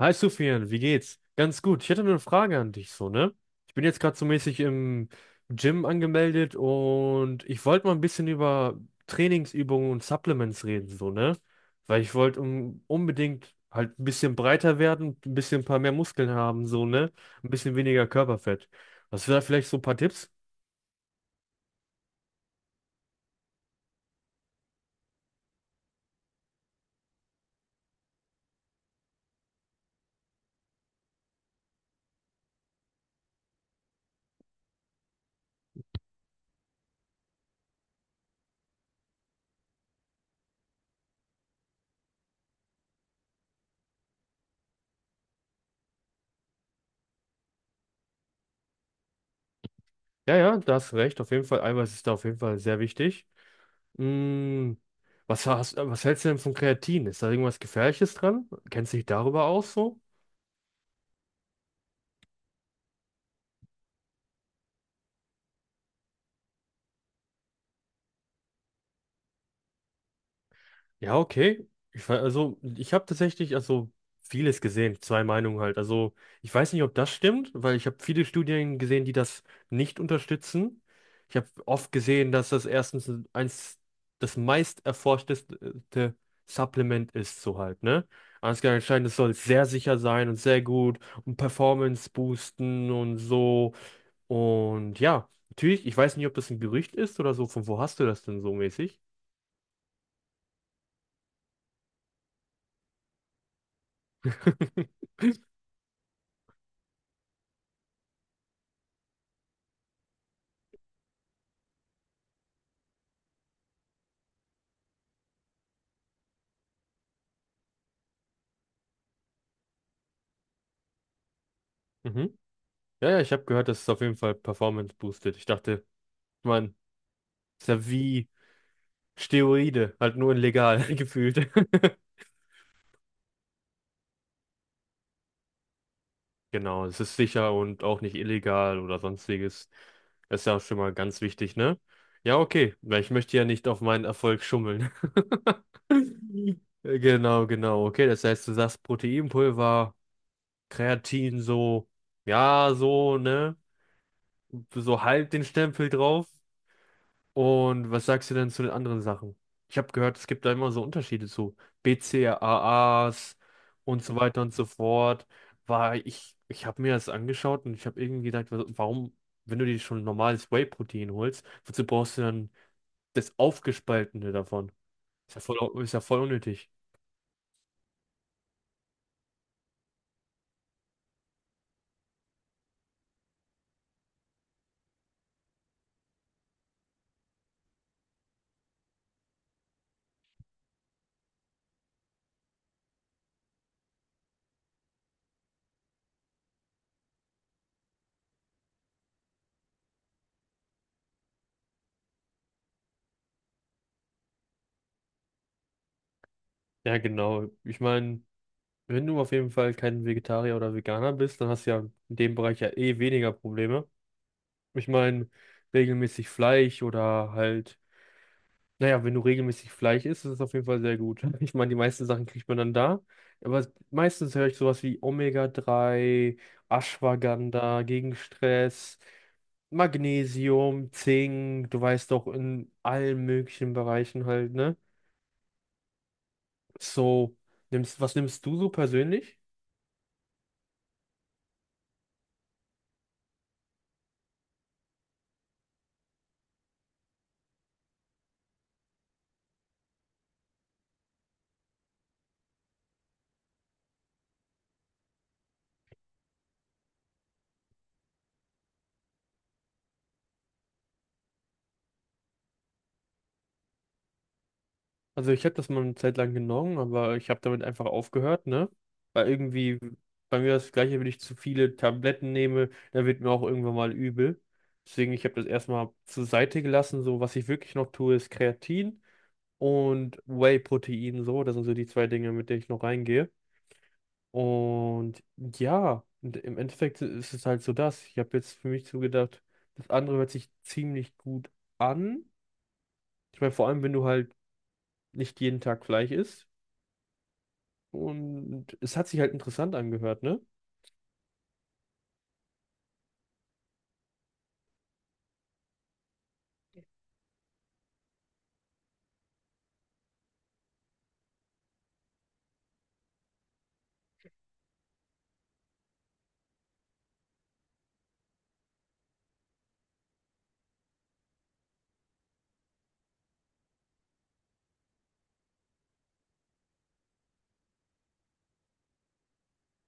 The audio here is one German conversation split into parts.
Hi Sufian, wie geht's? Ganz gut. Ich hätte nur eine Frage an dich, so, ne? Ich bin jetzt gerade so mäßig im Gym angemeldet und ich wollte mal ein bisschen über Trainingsübungen und Supplements reden, so, ne? Weil ich wollte un unbedingt halt ein bisschen breiter werden, ein bisschen ein paar mehr Muskeln haben, so, ne? Ein bisschen weniger Körperfett. Hast du da vielleicht so ein paar Tipps? Ja, ja, da hast du recht. Auf jeden Fall, Eiweiß ist da auf jeden Fall sehr wichtig. Mm, was hältst du denn von Kreatin? Ist da irgendwas Gefährliches dran? Kennst du dich darüber aus so? Ja, okay. Also, ich habe tatsächlich also vieles gesehen, zwei Meinungen halt. Also, ich weiß nicht, ob das stimmt, weil ich habe viele Studien gesehen, die das nicht unterstützen. Ich habe oft gesehen, dass das erstens eins das meist erforschteste Supplement ist, so halt, ne? Ansgar anscheinend, es soll sehr sicher sein und sehr gut und Performance boosten und so. Und ja, natürlich, ich weiß nicht, ob das ein Gerücht ist oder so. Von wo hast du das denn so mäßig? Mhm. Ja, ja, ich habe gehört, das ist auf jeden Fall Performance boostet. Ich dachte, man, ist ja wie Steroide, halt nur in legal gefühlt. Genau, es ist sicher und auch nicht illegal oder sonstiges. Das ist ja auch schon mal ganz wichtig, ne? Ja, okay, weil ich möchte ja nicht auf meinen Erfolg schummeln. Genau, genau, okay. Das heißt, du sagst Proteinpulver, Kreatin so, ja, so, ne? So halb den Stempel drauf. Und was sagst du denn zu den anderen Sachen? Ich habe gehört, es gibt da immer so Unterschiede zu BCAAs und so weiter und so fort. Ich habe mir das angeschaut und ich habe irgendwie gedacht, warum, wenn du dir schon normales Whey-Protein holst, wozu brauchst du dann das Aufgespaltene davon? Ist ja voll unnötig. Ja, genau. Ich meine, wenn du auf jeden Fall kein Vegetarier oder Veganer bist, dann hast du ja in dem Bereich ja eh weniger Probleme. Ich meine, regelmäßig Fleisch oder halt. Naja, wenn du regelmäßig Fleisch isst, ist es auf jeden Fall sehr gut. Ich meine, die meisten Sachen kriegt man dann da. Aber es- meistens höre ich sowas wie Omega-3, Ashwagandha gegen Stress, Magnesium, Zink, du weißt doch, in allen möglichen Bereichen halt, ne? So, was nimmst du so persönlich? Also ich habe das mal eine Zeit lang genommen, aber ich habe damit einfach aufgehört, ne? Weil irgendwie bei mir das Gleiche, wenn ich zu viele Tabletten nehme, dann wird mir auch irgendwann mal übel. Deswegen, ich habe das erstmal zur Seite gelassen. So, was ich wirklich noch tue, ist Kreatin und Whey-Protein, so. Das sind so die zwei Dinge, mit denen ich noch reingehe. Und ja, und im Endeffekt ist es halt so das. Ich habe jetzt für mich zugedacht, das andere hört sich ziemlich gut an. Ich meine, vor allem, wenn du halt nicht jeden Tag Fleisch isst. Und es hat sich halt interessant angehört, ne?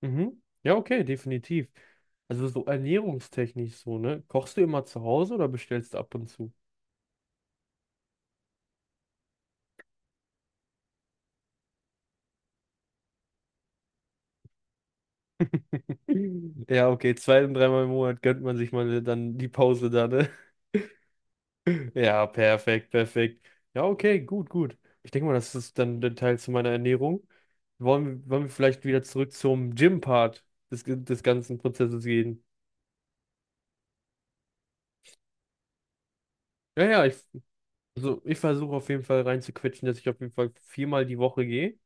Mhm. Ja, okay, definitiv. Also so ernährungstechnisch so, ne? Kochst du immer zu Hause oder bestellst du ab und zu? Ja, okay, zwei- und dreimal im Monat gönnt man sich mal dann die Pause da, ne? Ja, perfekt, perfekt. Ja, okay, gut, gut. Ich denke mal, das ist dann der Teil zu meiner Ernährung. Wollen wir vielleicht wieder zurück zum Gym-Part des ganzen Prozesses gehen? Ja, ja, also ich versuche auf jeden Fall reinzuquetschen, dass ich auf jeden Fall viermal die Woche gehe.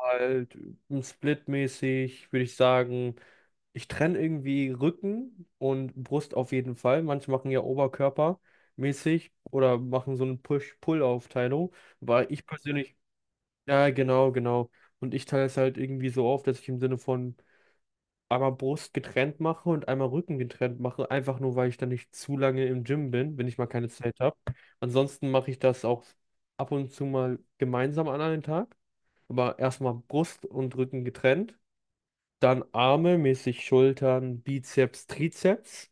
Halt splitmäßig, würde ich sagen, ich trenne irgendwie Rücken und Brust auf jeden Fall. Manche machen ja Oberkörpermäßig oder machen so eine Push-Pull-Aufteilung, weil ich persönlich, ja, genau, genau. Und ich teile es halt irgendwie so auf, dass ich im Sinne von einmal Brust getrennt mache und einmal Rücken getrennt mache, einfach nur, weil ich dann nicht zu lange im Gym bin, wenn ich mal keine Zeit habe. Ansonsten mache ich das auch ab und zu mal gemeinsam an einem Tag, aber erstmal Brust und Rücken getrennt. Dann Arme, mäßig Schultern, Bizeps, Trizeps.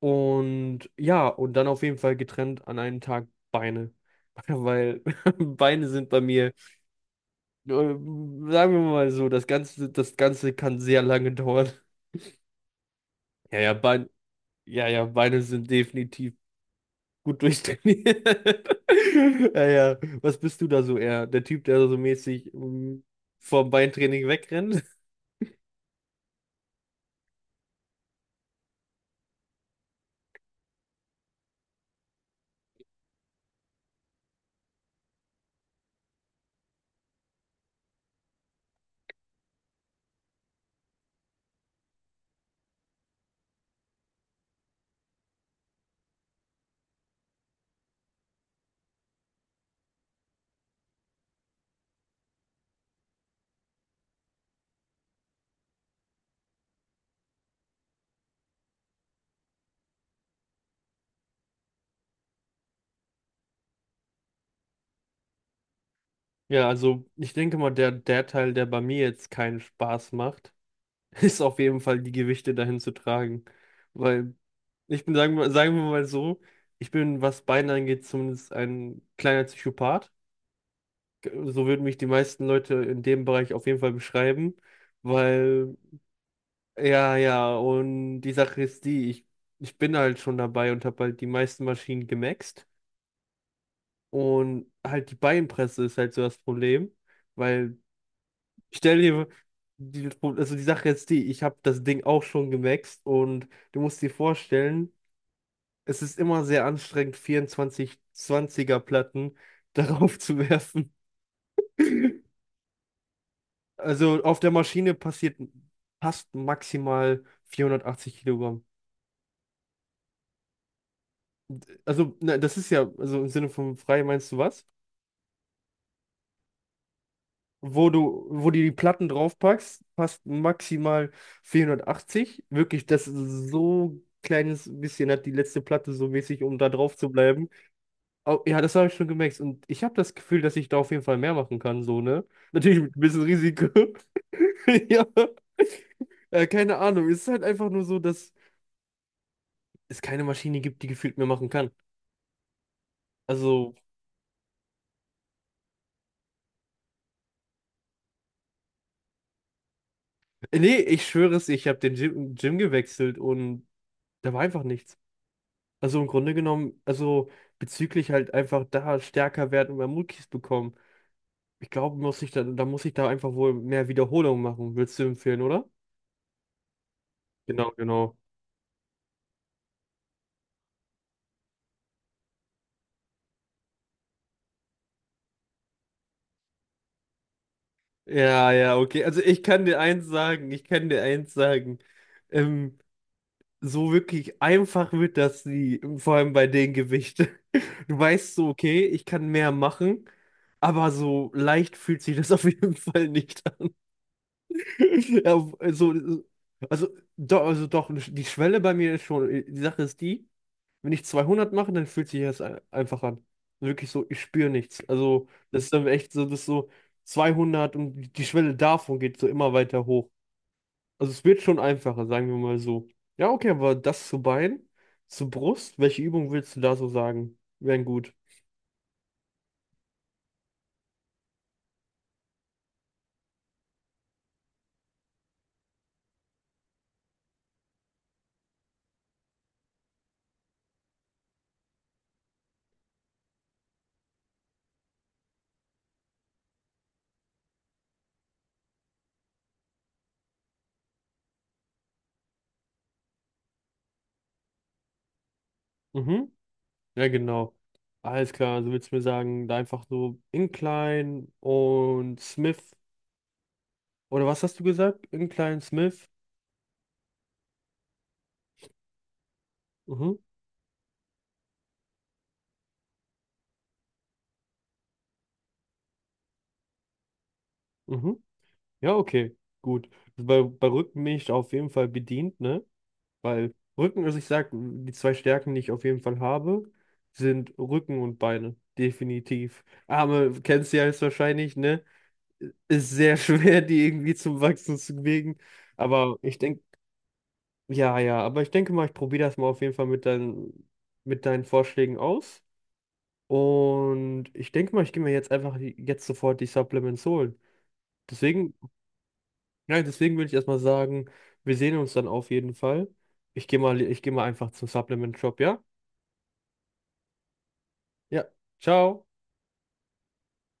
Und ja, und dann auf jeden Fall getrennt an einem Tag Beine. Weil Beine sind bei mir, sagen wir mal so, das Ganze kann sehr lange dauern. Ja, ja, Bein, ja, ja, Beine sind definitiv gut durchtrainiert. Ja, ja. Was bist du da so eher? Der Typ, der so mäßig vom Beintraining wegrennt? Ja, also ich denke mal, der, der Teil, der bei mir jetzt keinen Spaß macht, ist auf jeden Fall die Gewichte dahin zu tragen. Weil ich bin, sagen wir mal so, ich bin, was Beine angeht, zumindest ein kleiner Psychopath. So würden mich die meisten Leute in dem Bereich auf jeden Fall beschreiben, weil, ja, ja, und die Sache ist die, ich bin halt schon dabei und habe halt die meisten Maschinen gemaxt und halt die Beinpresse ist halt so das Problem, weil, ich stell dir, also die Sache ist die, ich habe das Ding auch schon gemaxt und du musst dir vorstellen, es ist immer sehr anstrengend, 24-20er Platten darauf zu werfen. Also auf der Maschine passiert passt maximal 480 Kilogramm. Also ne, das ist ja, also im Sinne von frei meinst du was? Wo du die Platten draufpackst, passt maximal 480. Wirklich, das ist so kleines bisschen hat die letzte Platte so mäßig, um da drauf zu bleiben. Au- ja, das habe ich schon gemerkt. Und ich habe das Gefühl, dass ich da auf jeden Fall mehr machen kann, so, ne? Natürlich mit ein bisschen Risiko. Ja. Keine Ahnung. Es ist halt einfach nur so, dass es keine Maschine gibt, die gefühlt mehr machen kann. Also, nee, ich schwöre es, ich habe den Gym gewechselt und da war einfach nichts. Also im Grunde genommen, also bezüglich halt einfach da stärker werden und mehr Muckis bekommen. Ich glaube, muss ich da muss ich da einfach wohl mehr Wiederholungen machen. Willst du empfehlen, oder? Genau, genau. Ja, ja, okay. Also ich kann dir eins sagen, ich kann dir eins sagen. Ähm, so wirklich einfach wird das nie, vor allem bei den Gewichten. Du weißt so, okay, ich kann mehr machen, aber so leicht fühlt sich das auf jeden Fall nicht an. Ja, also, also, doch, also doch, die Schwelle bei mir ist schon, die Sache ist die, wenn ich 200 mache, dann fühlt sich das einfach an. Wirklich so, ich spüre nichts. Also, das ist dann echt so, das ist so 200 und die Schwelle davon geht so immer weiter hoch. Also es wird schon einfacher, sagen wir mal so. Ja, okay, aber zu Brust, welche Übung willst du da so sagen? Wären gut. Mhm. Ja, genau. Alles klar, also willst du mir sagen, da einfach so Incline und Smith. Oder was hast du gesagt? Incline, Smith. Mhm. Mhm. Ja, okay. Gut. Also bei, bei Rücken bin ich auf jeden Fall bedient, ne? Weil Rücken, also ich sag, die zwei Stärken, die ich auf jeden Fall habe, sind Rücken und Beine. Definitiv. Arme, kennst du ja jetzt wahrscheinlich, ne? Ist sehr schwer, die irgendwie zum Wachsen zu bewegen. Aber ich denke, ja, ja, aber ich denke mal, ich probiere das mal auf jeden Fall mit deinen Vorschlägen aus. Und ich denke mal, ich gehe mir jetzt einfach jetzt sofort die Supplements holen. Deswegen, ja, deswegen würde ich erstmal sagen, wir sehen uns dann auf jeden Fall. Ich gehe mal einfach zum Supplement Shop, ja? Ja, ciao.